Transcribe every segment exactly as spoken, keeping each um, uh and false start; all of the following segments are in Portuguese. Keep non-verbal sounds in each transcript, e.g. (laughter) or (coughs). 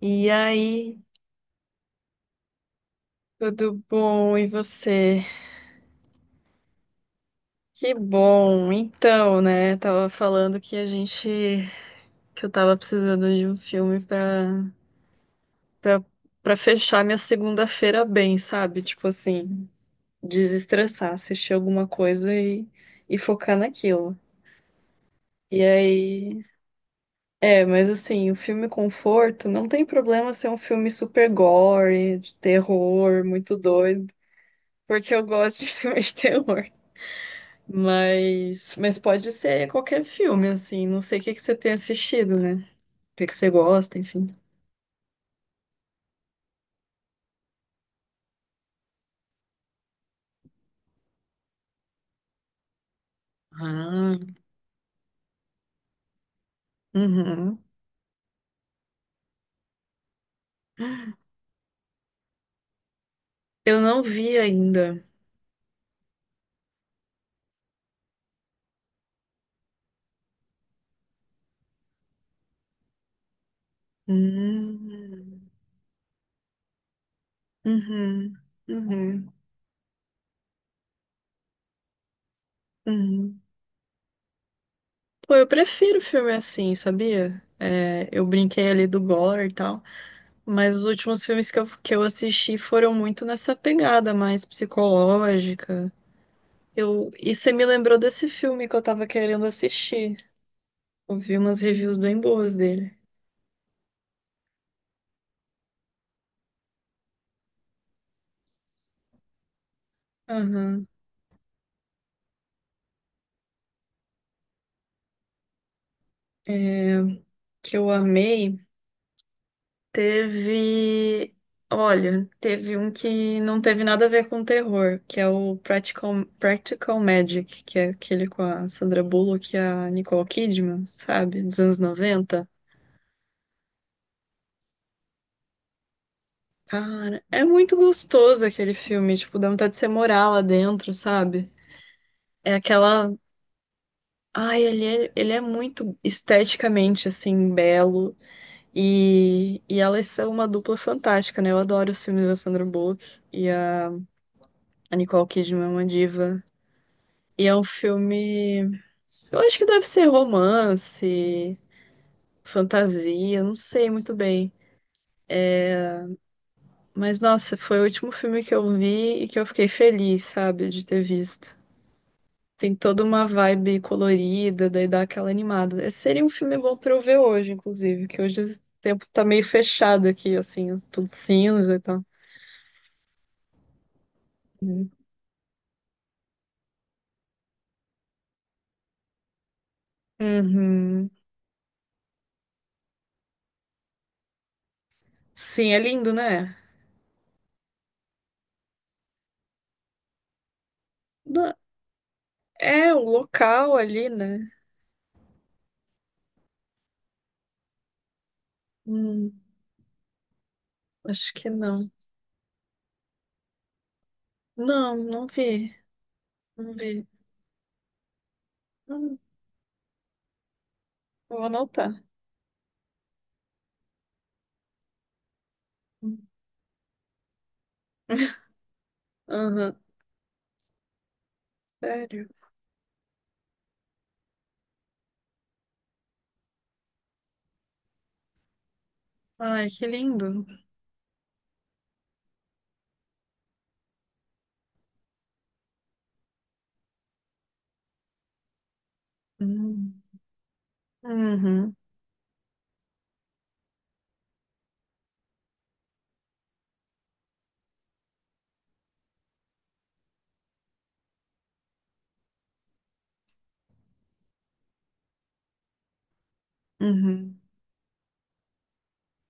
E aí, tudo bom? E você? Que bom. Então, né, tava falando que a gente que eu tava precisando de um filme pra para para fechar minha segunda-feira bem, sabe? Tipo assim, desestressar, assistir alguma coisa e e focar naquilo. E aí, é, mas assim, o filme conforto não tem problema ser um filme super gore, de terror, muito doido, porque eu gosto de (laughs) filmes de terror. Mas, mas pode ser qualquer filme, assim. Não sei o que que você tem assistido, né? O que que você gosta, enfim. Ah, uhum. Eu não vi ainda. Hum, uhum, uhum, uhum. Pô, eu prefiro filme assim, sabia? É, eu brinquei ali do gore e tal, mas os últimos filmes que eu, que eu assisti foram muito nessa pegada mais psicológica. Eu, e você me lembrou desse filme que eu tava querendo assistir. Eu vi umas reviews bem boas dele. Aham. É, que eu amei. Teve. Olha, teve um que não teve nada a ver com terror, que é o Practical, Practical Magic, que é aquele com a Sandra Bullock e a Nicole Kidman, sabe? Dos anos noventa. Cara, é muito gostoso aquele filme, tipo, dá vontade de você morar lá dentro, sabe? É aquela. Ai, ele é, ele é muito esteticamente, assim, belo. E, e elas são uma dupla fantástica, né? Eu adoro os filmes da Sandra Bullock e a, a Nicole Kidman é uma diva. E é um filme. Eu acho que deve ser romance, fantasia, não sei muito bem. Mas nossa, foi o último filme que eu vi e que eu fiquei feliz, sabe, de ter visto. Tem toda uma vibe colorida, daí dá aquela animada. Esse seria um filme bom pra eu ver hoje, inclusive, que hoje o tempo tá meio fechado aqui, assim, tudo cinza e tal. Uhum. Sim, é lindo, né? Não- É, o local ali, né? Hum, acho que não. Não, não vi. Não vi. Hum, vou anotar. (laughs) Hum. Aham, sério. Ai, que lindo. Hum. Uhum, uhum.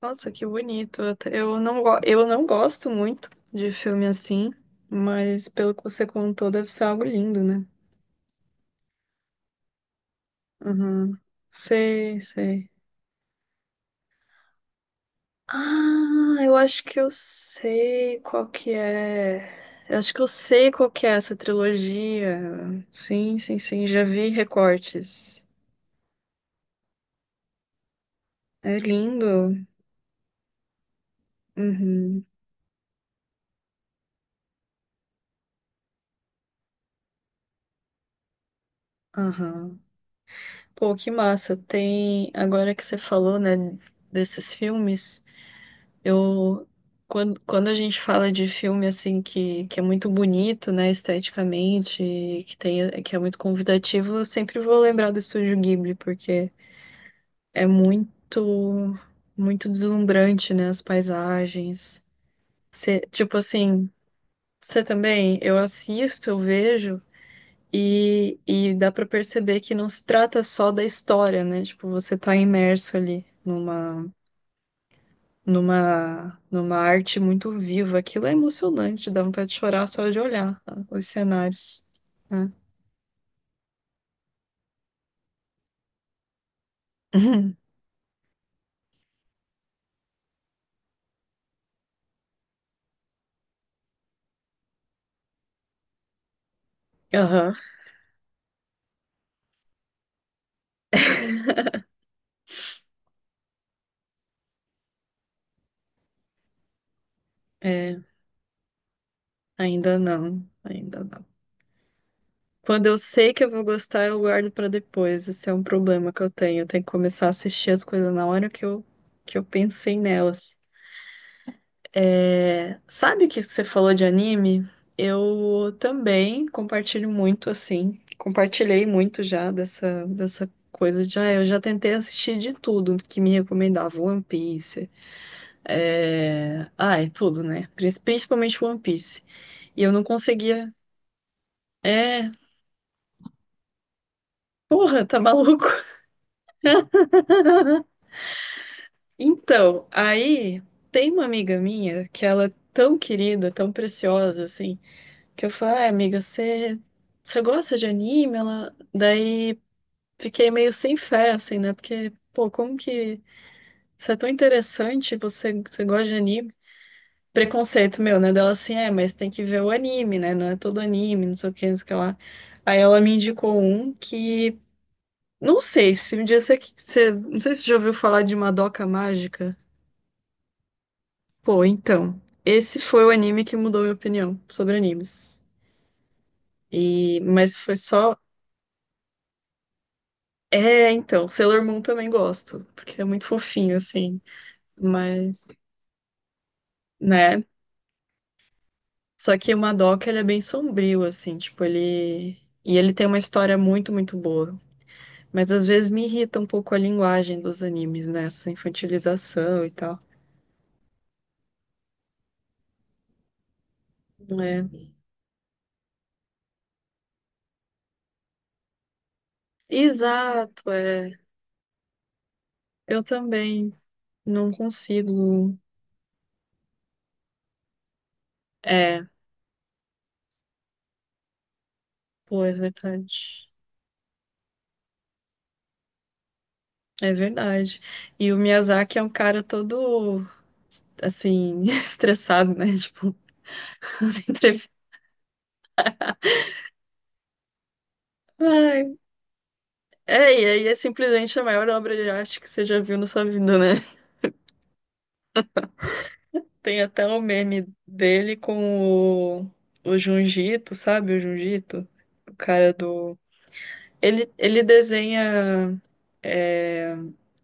Nossa, que bonito. Eu eu não, go- eu não gosto muito de filme assim, mas pelo que você contou, deve ser algo lindo, né? Uhum. Sei, sei. Ah, eu acho que eu sei qual que é. Eu acho que eu sei qual que é essa trilogia. Sim, sim, sim, já vi recortes. É lindo. Uhum, aham. Pô, que massa. Tem, agora que você falou, né, desses filmes, eu quando, quando a gente fala de filme assim que, que é muito bonito, né, esteticamente, que tem, que é muito convidativo, eu sempre vou lembrar do Estúdio Ghibli, porque é muito, muito deslumbrante, né? As paisagens. Cê- tipo assim, você também, eu assisto, eu vejo e, e dá pra perceber que não se trata só da história, né? Tipo, você tá imerso ali numa, numa, numa arte muito viva. Aquilo é emocionante, dá vontade de chorar só de olhar tá? Os cenários, né? (laughs) Aham. É, ainda não, ainda não. Quando eu sei que eu vou gostar, eu guardo pra depois. Esse é um problema que eu tenho. Eu tenho que começar a assistir as coisas na hora que eu, que eu pensei nelas. É, sabe que você falou de anime? Eu também compartilho muito, assim. Compartilhei muito já dessa, dessa coisa de. Ah, eu já tentei assistir de tudo que me recomendava. One Piece. É... Ah, é tudo, né? Prin- Principalmente One Piece. E eu não conseguia. É. Porra, tá maluco? Então, aí tem uma amiga minha que ela é tão querida, tão preciosa, assim, que eu falei, ai, amiga, você você gosta de anime? Ela... Daí fiquei meio sem fé, assim, né? Porque, pô, como que isso é tão interessante, você, você gosta de anime? Preconceito meu, né? Dela assim, é, mas tem que ver o anime, né? Não é todo anime, não sei o que, não sei o que lá. Aí ela me indicou um que, não sei, se um dia você, você... não sei se você já ouviu falar de Madoka Mágica. Pô, então, esse foi o anime que mudou minha opinião sobre animes. E, mas foi só. É, então, Sailor Moon também gosto, porque é muito fofinho, assim. Mas, né? Só que o Madoka, ele é bem sombrio, assim, tipo, ele. E ele tem uma história muito, muito boa. Mas às vezes me irrita um pouco a linguagem dos animes, né? Essa infantilização e tal. É. Exato, é. Eu também não consigo. É, pô, é verdade. É verdade. E o Miyazaki é um cara todo, assim, (laughs) estressado, né? Tipo, (laughs) as entrevistas. Ai, é, e aí é simplesmente a maior obra de arte que você já viu na sua vida, né? Tem até o meme dele com o, o Junjito, sabe? O Junjito, o cara do. Ele, ele desenha. É,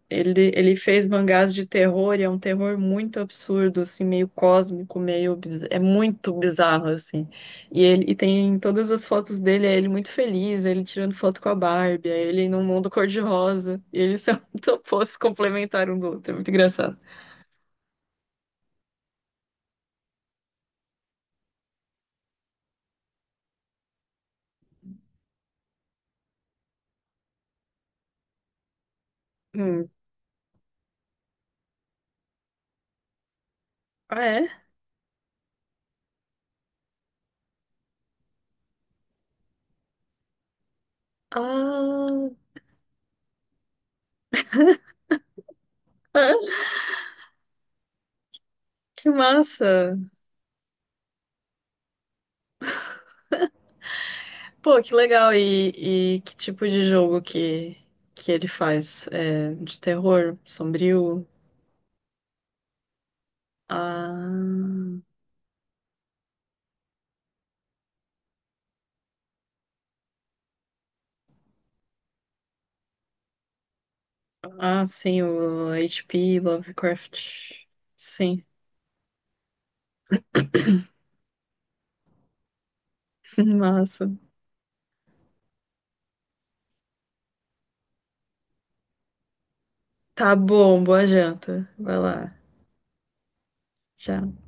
ele, ele fez mangás de terror e é um terror muito absurdo, assim, meio cósmico, meio biz- é muito bizarro, assim. E ele e tem todas as fotos dele, é ele muito feliz, é ele tirando foto com a Barbie, é ele num mundo cor-de-rosa. E eles são (laughs) muito opostos, complementar um do outro, é muito engraçado. Hum. Ah, é? Ah, que massa! Pô, que legal! E, e que tipo de jogo que, que ele faz? É, de terror, sombrio? Ah, ah, sim, o agá pê. Lovecraft. Sim. (coughs) (clears throat) Massa. Tá bom, boa janta. Vai lá. Tchau.